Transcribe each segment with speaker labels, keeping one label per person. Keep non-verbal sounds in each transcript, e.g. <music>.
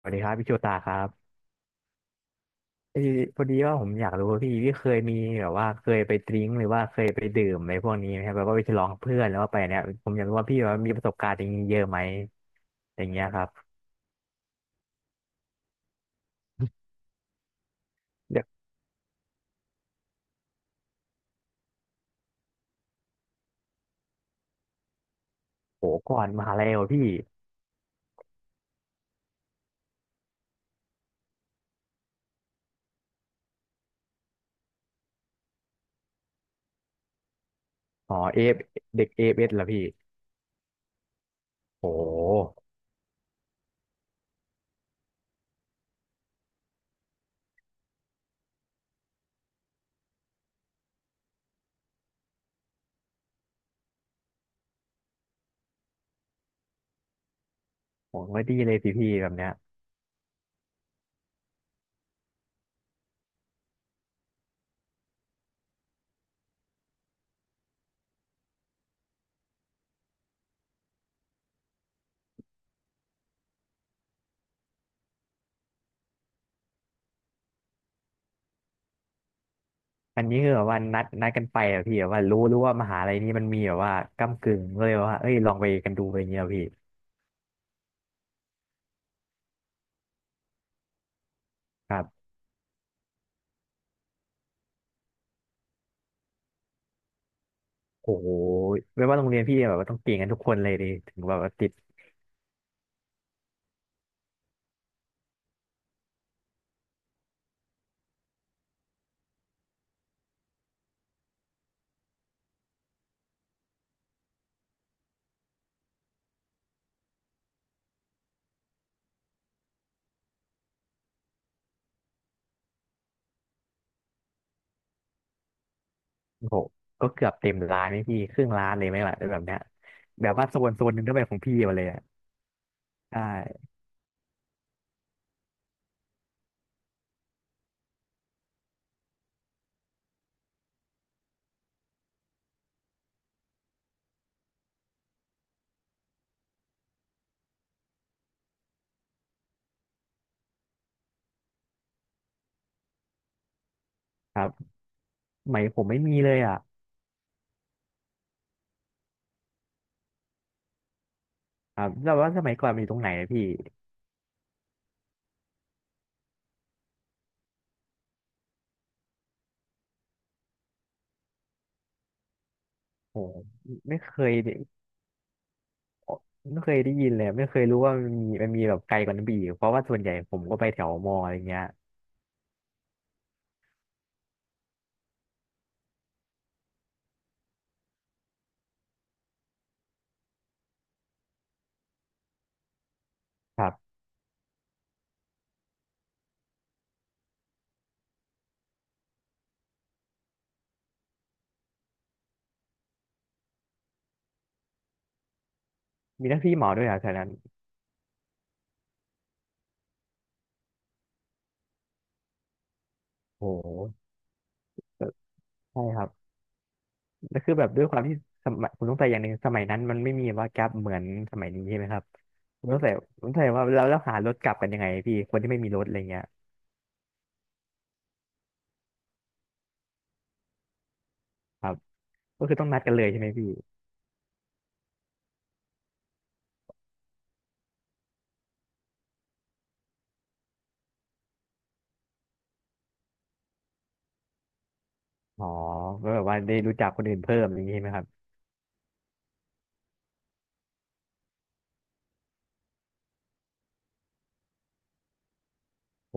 Speaker 1: สวัสดีครับพี่โชตาครับเออพอดีว่าผมอยากรู้ว่าพี่เคยมีแบบว่าเคยไปดริ้งหรือว่าเคยไปดื่มอะไรพวกนี้ไหมครับแบบว่าไปฉลองกับเพื่อนแล้วว่าไปเนี่ยผมอยากรู้ว่าพี่ว่ามีประสบการณ์อย่างนี้เยอะไหมอย่างเงี้ยครับเด็กโหก่อนมหาลัยเหรอพี่อ๋อเอฟเด็กเอฟเอสเหรอพี่โหผมไม่ดีเลยสิพี่แบบเนี้ยอันนี้คือแบบว่านัดกันไปเหรอพี่แบบว่ารู้ว่ามหาลัยนี้มันมีแบบว่าก้ำกึ่งก็เลยว่าเอ้ยลองไปกันดูอะไรเงี้ยเหรอพี่ โอ้โหไม่ว่าโรงเรียนพี่แบบว่าต้องเก่งกันทุกคนเลยดิถึงแบบว่าติดโอ้โหก็เกือบเต็มร้านไหมพี่ครึ่งร้านเลยไหมล่ะแบบเนี้ยแบบว่าโซนโซนหนึ่งก็เป็นของพี่มาเลยอ่ะใช่ครับสมัยผมไม่มีเลยอ่ะครับแล้วว่าสมัยก่อนมันอยู่ตรงไหนอะพี่โอ้โหไม่เคยได้ไม่เคยได้ยินเลยไม่เคยรู้ว่ามันมีแบบไกลกว่านั้นไปอีกเพราะว่าส่วนใหญ่ผมก็ไปแถวมออะไรเงี้ยครับมีหน้าที่เหมาด้วยอ่ะแถวนั้นโอ้โหใช่ครับ แล้วคือแบบด้วยความที่สมัยผมสงสัยอย่างหนึ่งสมัยนั้นมันไม่มีว่าแก๊ปเหมือนสมัยนี้ใช่ไหมครับผมสงสัยผมสงสัยว่าแล้วหารถกลับกันยังไงพี่คนที่ไม่มีรถอะไรเงี้ยครับก็คือต้องนัดกันเลยใช่ไหมพี่อ๋อก็แบบว่าได้รู้จักคนอื่นเพิ่มอย่างนี้ใช่ไหมครับโห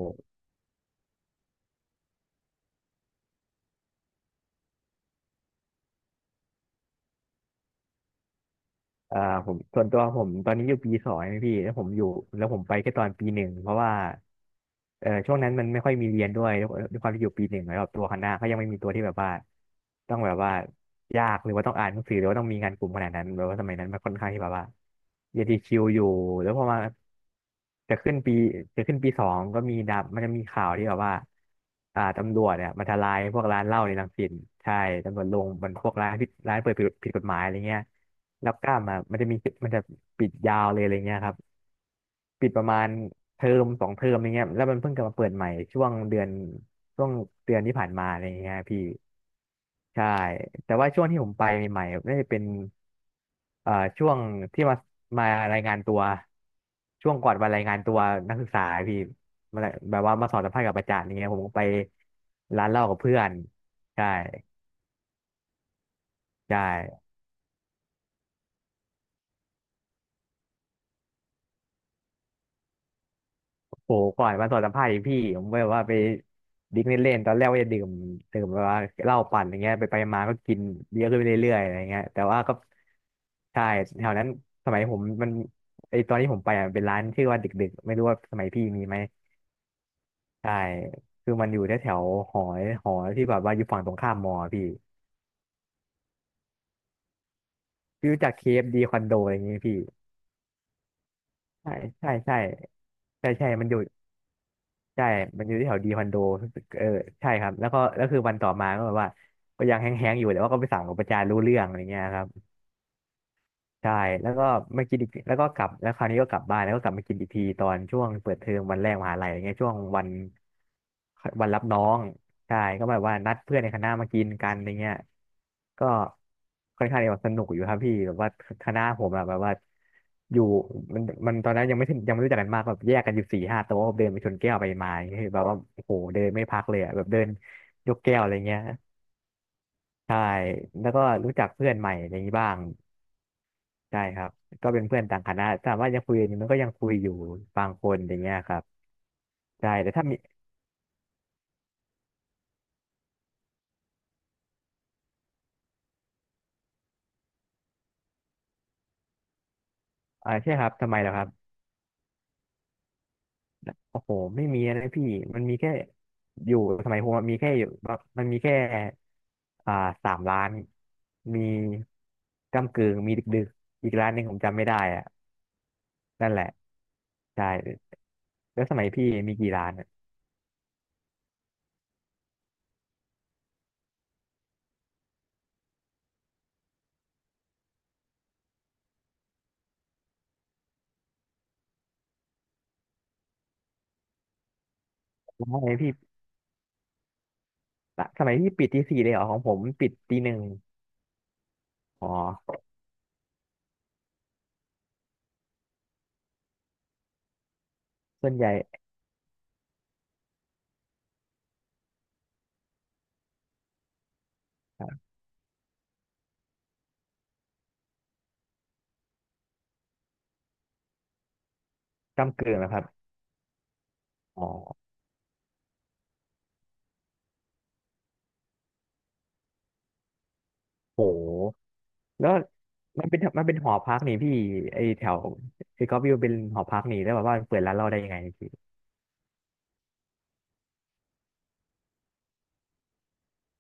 Speaker 1: อ่าผมส่วนตัวผมตอนนี้อยู่ปีสองนะพี่แล้วผมไปแค่ตอนปีหนึ่งเพราะว่าเออช่วงนั้นมันไม่ค่อยมีเรียนด้วยด้วยความที่อยู่ปีหนึ่งแล้วแบบตัวคณะเขายังไม่มีตัวที่แบบว่าต้องแบบว่ายากหรือว่าต้องอ่านหนังสือหรือว่าต้องมีงานกลุ่มขนาดนั้นแบบว่าสมัยนั้นมันค่อนข้างที่แบบว่าเรียนดีคิวอยู่แล้วพอมาจะขึ้นปีจะขึ้นปีสองก็มีดับมันจะมีข่าวที่แบบว่าอ่าตำรวจเนี่ยมาทลายพวกร้านเหล้าในรังสิตใช่ตำรวจลงมันพวกร้านผิดร้านเปิดผิดผิดกฎหมายอะไรเงี้ย รับกล้ามอ่ะมันจะมีมันจะปิดยาวเลยอะไรเงี้ยครับปิดประมาณเทอมสองเทอมอะไรเงี้ยแล้วมันเพิ่งกลับมาเปิดใหม่ช่วงเดือนที่ผ่านมาอะไรเงี้ยพี่ใช่แต่ว่าช่วงที่ผมไปใหม่ๆน่าจะเป็นเอ่อช่วงที่มามารายงานตัวช่วงก่อนวันรายงานตัวนักศึกษาพี่มาแบบว่ามาสอบสัมภาษณ์กับอาจารย์อย่างเงี้ยผมก็ไปร้านเหล้ากับเพื่อนใช่ใช่ โหก่อนมาสอนสัมภาษณ์อีกพี่ผมแบบว่าไปดิ้งเล่นๆตอนแรกว่าจะดื่มแบบว่าเหล้าปั่นอย่างเงี้ยไปไปมาก็กินเยอะขึ้นไปเรื่อยๆอะไรเงี้ยแต่ว่าก็ใช่แถวนั้นสมัยผมไอตอนที่ผมไปอ่ะเป็นร้านชื่อว่าดึกๆไม่รู้ว่าสมัยพี่มีไหมใช่คือมันอยู่แถวแถวหอหอที่แบบว่าอยู่ฝั่งตรงข้ามมอพี่พี่รู้จักเคฟดีคอนโดอะไรอย่างงี้ไหมพี่ใช่ใช่ใช่ใช่ใช่มันอยู่ ใช่ มันอยู่ที่แถวดีคอนโดเออใช่ครับ แล้วก็แล้วคือวันต่อมาก็แบบว่า ก็ยังแห้งๆอยู่แต่ว่าก็ไปสั่งกับประจานรู้เรื่องอะไรเงี้ยครับ ใช่แล้วก็มากินอีกแล้วก็กลับแล้วคราวนี้ก็กลับบ้านแล้วก็กลับมากินอีกทีตอนช่วงเปิดเทอมวันแรกมหาลัยอะไรเงี้ยช่วงวันวันรับน้องใช่ก็แบบว่านัดเพื่อนในคณะมากินกันอะไรเงี้ยก็ค่อนข้างจะสนุกอยู่ครับพี่แบบว่าคณะผมอะแบบว่าอยู่มันตอนนั้นยังไม่ถึงยังไม่รู้จักกันมากแบบแยกกันอยู่4-5 โต๊ะเดินไปชนแก้วไปมาอย่างเงี้ยแบบว่าโอ้โหเดินไม่พักเลยอะแบบเดินยกแก้วอะไรเงี้ยใช่แล้วก็รู้จักเพื่อนใหม่อะไรอย่างนี้บ้าง ใช่ครับก็เป็นเพื่อนต่างคณะถามว่ายังคุยอยู่มันก็ยังคุยอยู่บางคนอย่างเงี้ยครับใช่แต่ถ้ามีใช่ครับทำไมล่ะครับโอ้โหไม่มีนะพี่มันมีแค่อยู่สมัยผมอะมีแค่อยู่มันมีแค่อ่าสามร้านมีก้ำกึ่งมีดึกๆอีกร้านหนึ่งผมจำไม่ได้อะนั่นแหละใช่แล้วสมัยพี่มีกี่ร้านอะสมัยพี่สมัยพี่ปิดตีสี่เลยเหรอของผมปิดตีหนึ่งอ๋อส่วนใหญ่ก้ำกึ่งนะครับ อ๋อโหแล้วมันเป็นหอพักนี่พี่ไอแถวไอก็วิวเป็นหอพักนี่แล้วแบบว่าเปิดร้านเราได้ยังไงพี่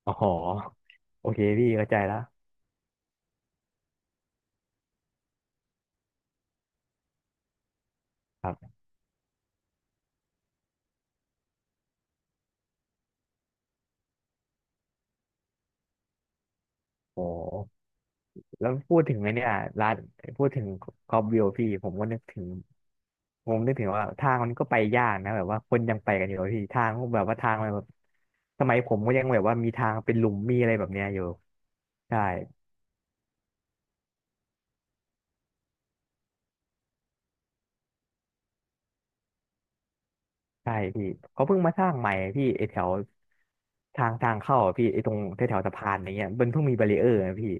Speaker 1: อ๋อโอเคพี่เข้าใจแล้วครับโอ้แล้วพูดถึงไอเนี่ยร้านพูดถึงก็วิวพี่ผมก็นึกถึงผมนึกถึงว่าทางมันก็ไปยากนะแบบว่าคนยังไปกันอยู่อะพี่ทางก็แบบว่าทางมันแบบสมัยผมก็ยังแบบว่ามีทางเป็นหลุมมีอะไรแบบเนี้ยอยู่ใช่ ใช่พี่เขาเพิ่งมาสร้างใหม่พี่ไอแถวทางเข้าอะพี่ไอตรงแถวแถวสะพานอะไรเงี้ยมันเพิ่งมีบารีเออร์นะพี่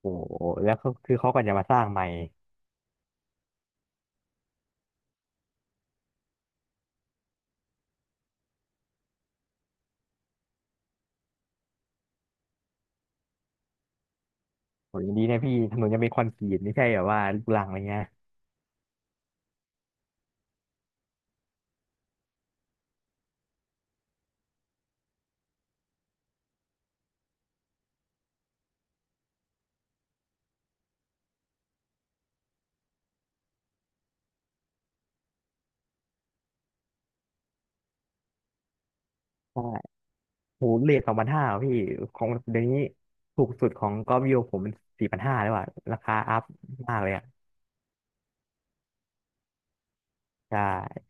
Speaker 1: โอ้โหแล้วก็คือเขาก็จะมาสร้างใหม่โหยังดีนะพี่ถนนยังเป็นคอนกรีตไม่ใช่แบบว่าลูกรังอะไรเงี้ยใช่โหเรทสองพันห้าพี่ของเดี๋ยวนี้ถูกสุดของกอล์ฟวิวผมมันสี่พันห้าแล้วอะราคาอัพมากเลยอะใช่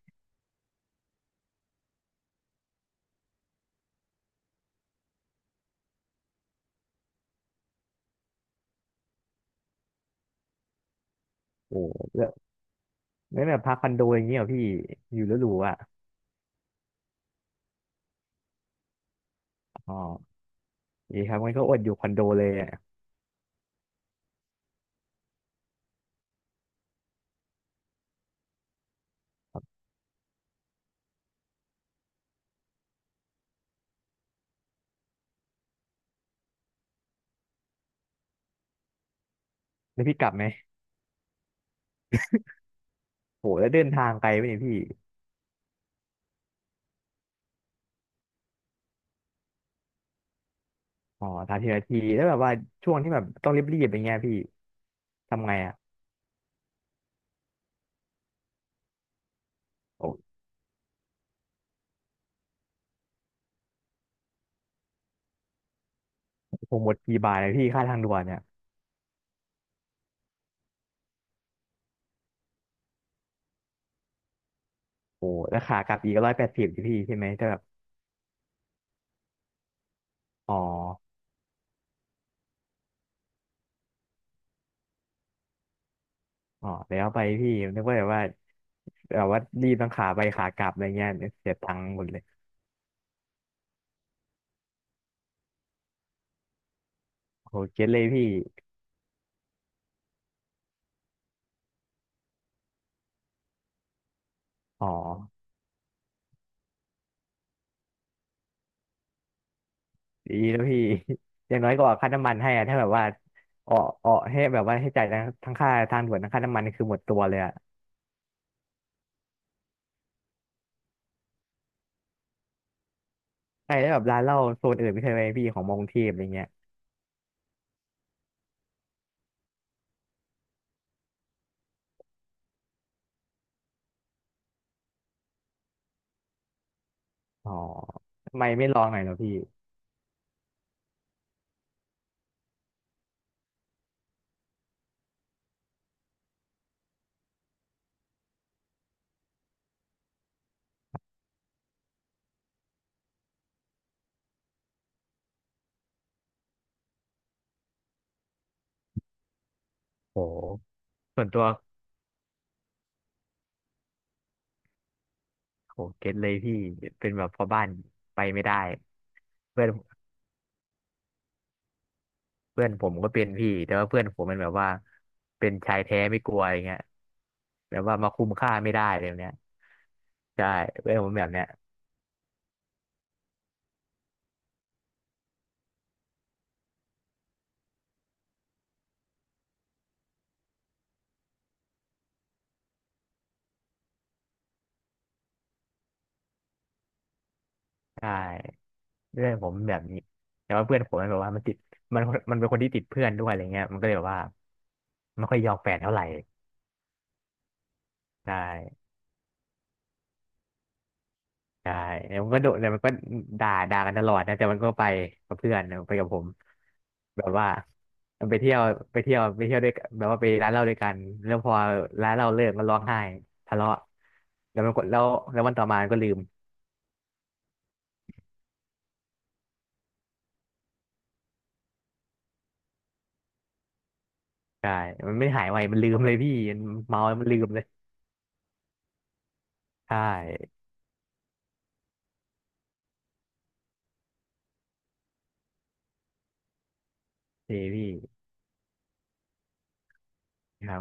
Speaker 1: โอ้แล้วไม่แบบพักคอนโดอย่างเงี้ยเหรอพี่อยู่แล้วหรูอะอ๋อดีครับงั้นก็อดอยู่คอนโดเลยอะแล้วพี่กลับไหมโหแล้วเดินทางไกลไหมเนี่ยพี่ อ๋อสามสิบนทีแล้วแบบว่าช่วงที่แบบต้องรีบๆอย่างเงี้ยพี่ทำไงอ่ะโอ้คงหมดกี่บาทเลยพี่ค่าทางด่วนเนี่ยโอ้แล้วขากลับอีกร้อยแปดสิบพี่ใช่ไหมแต่แบบอ๋ออ๋อแล้วไปพี่นึกว่าแบบว่ารีบทั้งขาไปขากลับอะไรเงี้ยเสียตังค์หมดเลยโอ้เก็ตเลยพี่อ๋อดีแล้วพี่ <laughs> อย่างน้อยก็ออกค่าน้ำมันให้อะถ้าแบบว่าออกให้แบบว่าให้จ่ายทั้งค่าทางด่วนทั้งค่าน้ำมันนี่คือหมดตัวเลยอะใช่แล้วแบบร้านเหล้าโซนอื่นไม่เคยไปพี่ของมอกรุงเทพอะไรเงี้ย อ๋อทำไมไม่ลองหน่อยเหรอพี่โหส่วนตัวโหเก็ตเลยพี่เป็นแบบพ่อบ้านไปไม่ได้เพื่อนเพื่อนผมก็เป็นพี่แต่ว่าเพื่อนผมมันแบบว่าเป็นชายแท้ไม่กลัวอย่างเงี้ยแบบว่ามาคุมค่าไม่ได้เลยแบบเนี้ยใช่เพื่อนผมแบบเนี้ยใช่เพื่อนผมแบบนี้แต่ว่าเพื่อนผมมันแบบว่ามันติดมันมันเป็นคนที่ติดเพื่อนด้วยอะไรเงี้ยมันก็เลยแบบว่าไม่ค่อยยอมแฟนเท่าไหร่ใช่ ใช่แล้วมันก็โดนแล้วมันก็ด่ากันตลอดนะแต่มันก็ไปกับเพื่อนนะไปกับผมแบบว่ามันไปเที่ยวไปเที่ยวด้วยกันแบบว่าไปร้านเหล้าด้วยกัน แล้วพอร้านเหล้าเลิกมันร้องไห้ทะเลาะแล้วมันก็แล้วแล้ววันต่อมามันก็ลืมใช่มันไม่หายไว มันลืมเลยพี่มันเมาแล้วมันลืมเลยใช่เจพี่ครับ